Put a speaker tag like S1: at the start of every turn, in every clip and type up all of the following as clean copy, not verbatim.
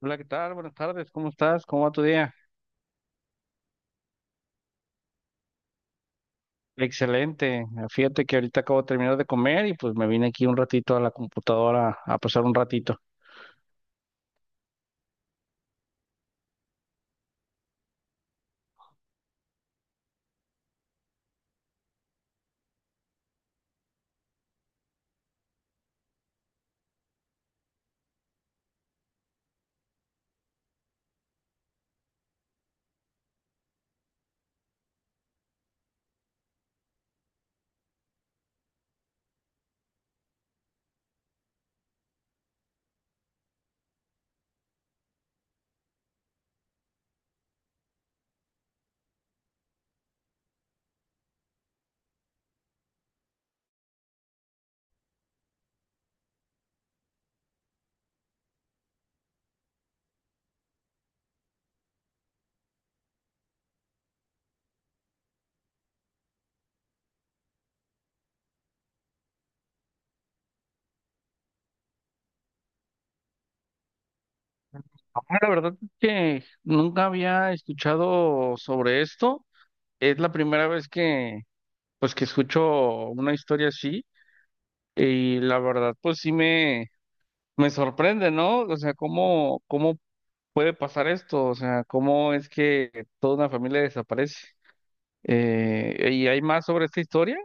S1: Hola, ¿qué tal? Buenas tardes, ¿cómo estás? ¿Cómo va tu día? Excelente. Fíjate que ahorita acabo de terminar de comer y pues me vine aquí un ratito a la computadora a pasar un ratito. Ah, la verdad es que nunca había escuchado sobre esto. Es la primera vez que pues que escucho una historia así y la verdad pues sí me sorprende, ¿no? O sea, cómo puede pasar esto, o sea, cómo es que toda una familia desaparece. ¿Y hay más sobre esta historia?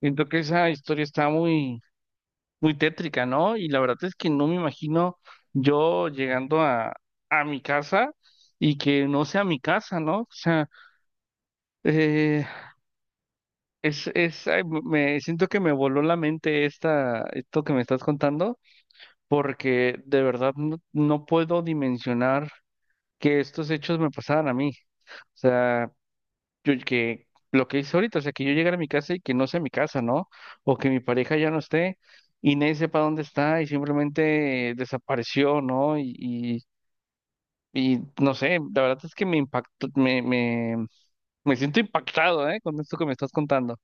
S1: Siento que esa historia está muy, muy tétrica, ¿no? Y la verdad es que no me imagino yo llegando a mi casa y que no sea mi casa, ¿no? O sea, eh, ay, me siento que me voló la mente esta, esto que me estás contando, porque de verdad no puedo dimensionar que estos hechos me pasaran a mí. O sea, que lo que hice ahorita, o sea, que yo llegara a mi casa y que no sea mi casa, ¿no? O que mi pareja ya no esté y nadie sepa dónde está y simplemente desapareció, ¿no? Y no sé, la verdad es que me impactó, me siento impactado, ¿eh? Con esto que me estás contando.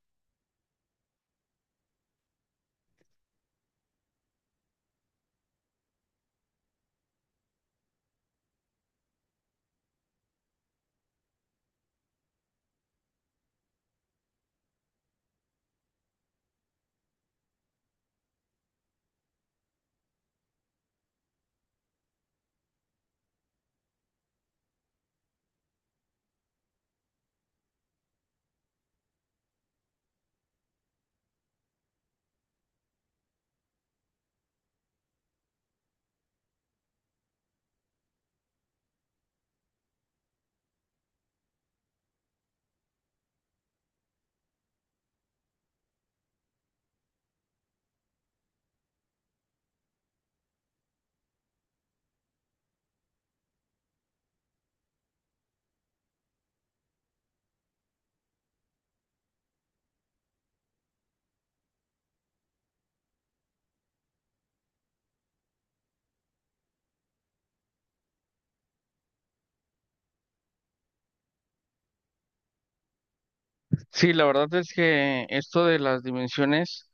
S1: Sí, la verdad es que esto de las dimensiones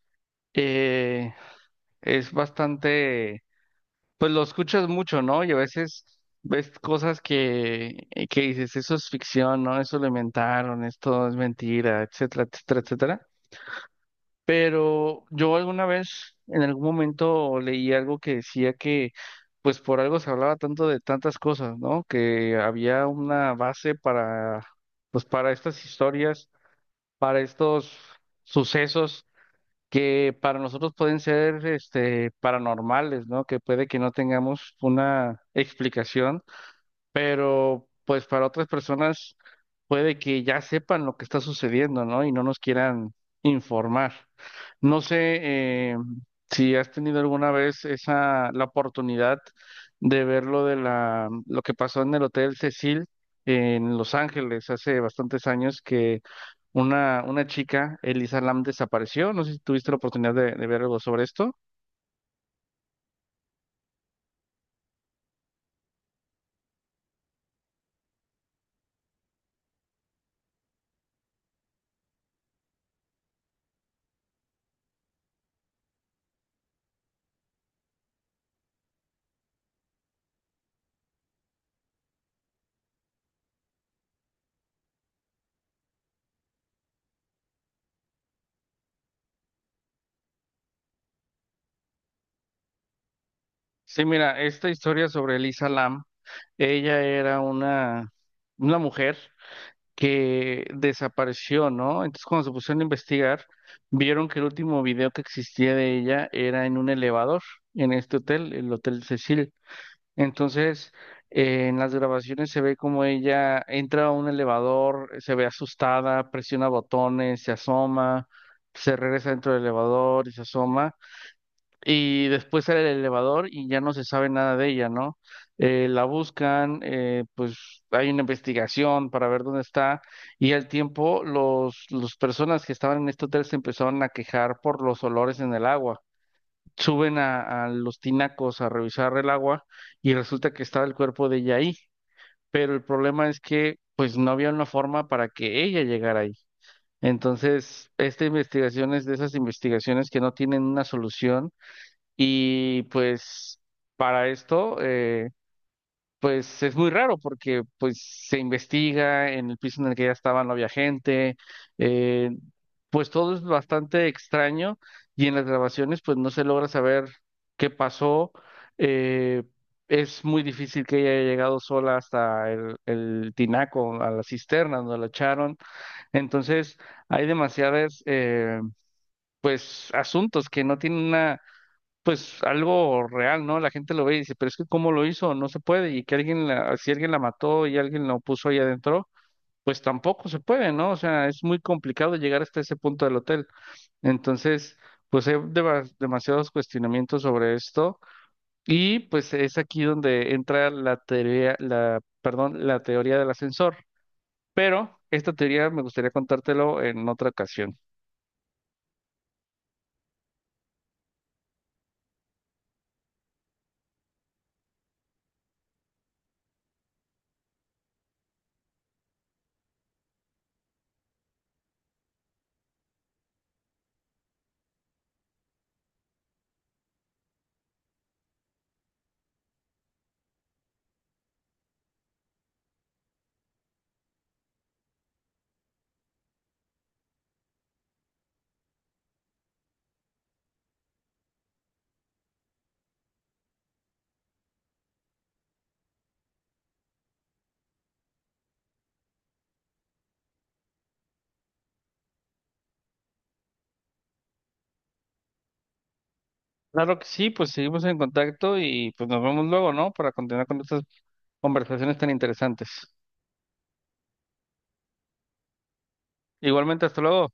S1: eh, es bastante, pues lo escuchas mucho, ¿no? Y a veces ves cosas que dices, eso es ficción, ¿no? Eso lo inventaron, esto es mentira, etcétera, etcétera, etcétera. Pero yo alguna vez, en algún momento, leí algo que decía que, pues por algo se hablaba tanto de tantas cosas, ¿no? Que había una base para, pues para estas historias, para estos sucesos que para nosotros pueden ser este, paranormales, ¿no? Que puede que no tengamos una explicación, pero pues para otras personas puede que ya sepan lo que está sucediendo, ¿no? Y no nos quieran informar. No sé, si has tenido alguna vez esa la oportunidad de ver lo de la lo que pasó en el Hotel Cecil en Los Ángeles hace bastantes años que una chica, Elisa Lam, desapareció. No sé si tuviste la oportunidad de ver algo sobre esto. Sí, mira, esta historia sobre Elisa Lam, ella era una mujer que desapareció, ¿no? Entonces cuando se pusieron a investigar, vieron que el último video que existía de ella era en un elevador, en este hotel, el Hotel Cecil. Entonces, en las grabaciones se ve como ella entra a un elevador, se ve asustada, presiona botones, se asoma, se regresa dentro del elevador y se asoma y después sale el elevador y ya no se sabe nada de ella, ¿no? La buscan, pues hay una investigación para ver dónde está y al tiempo las personas que estaban en este hotel se empezaron a quejar por los olores en el agua. Suben a los tinacos a revisar el agua y resulta que estaba el cuerpo de ella ahí, pero el problema es que pues no había una forma para que ella llegara ahí. Entonces, esta investigación es de esas investigaciones que no tienen una solución y pues para esto, pues es muy raro porque pues se investiga en el piso en el que ya estaba, no había gente, eh, pues todo es bastante extraño y en las grabaciones pues no se logra saber qué pasó. eh, es muy difícil que ella haya llegado sola hasta el tinaco, a la cisterna donde la echaron. Entonces hay demasiadas, pues asuntos que no tienen una pues algo real, ¿no? La gente lo ve y dice, pero es que ¿cómo lo hizo? No se puede. Y que alguien, si alguien la mató y alguien lo puso ahí adentro, pues tampoco se puede, ¿no? O sea, es muy complicado llegar hasta ese punto del hotel. Entonces, pues hay demasiados cuestionamientos sobre esto. Y pues es aquí donde entra la teoría, perdón, la teoría del ascensor. Pero esta teoría me gustaría contártelo en otra ocasión. Claro que sí, pues seguimos en contacto y pues nos vemos luego, ¿no? Para continuar con estas conversaciones tan interesantes. Igualmente, hasta luego.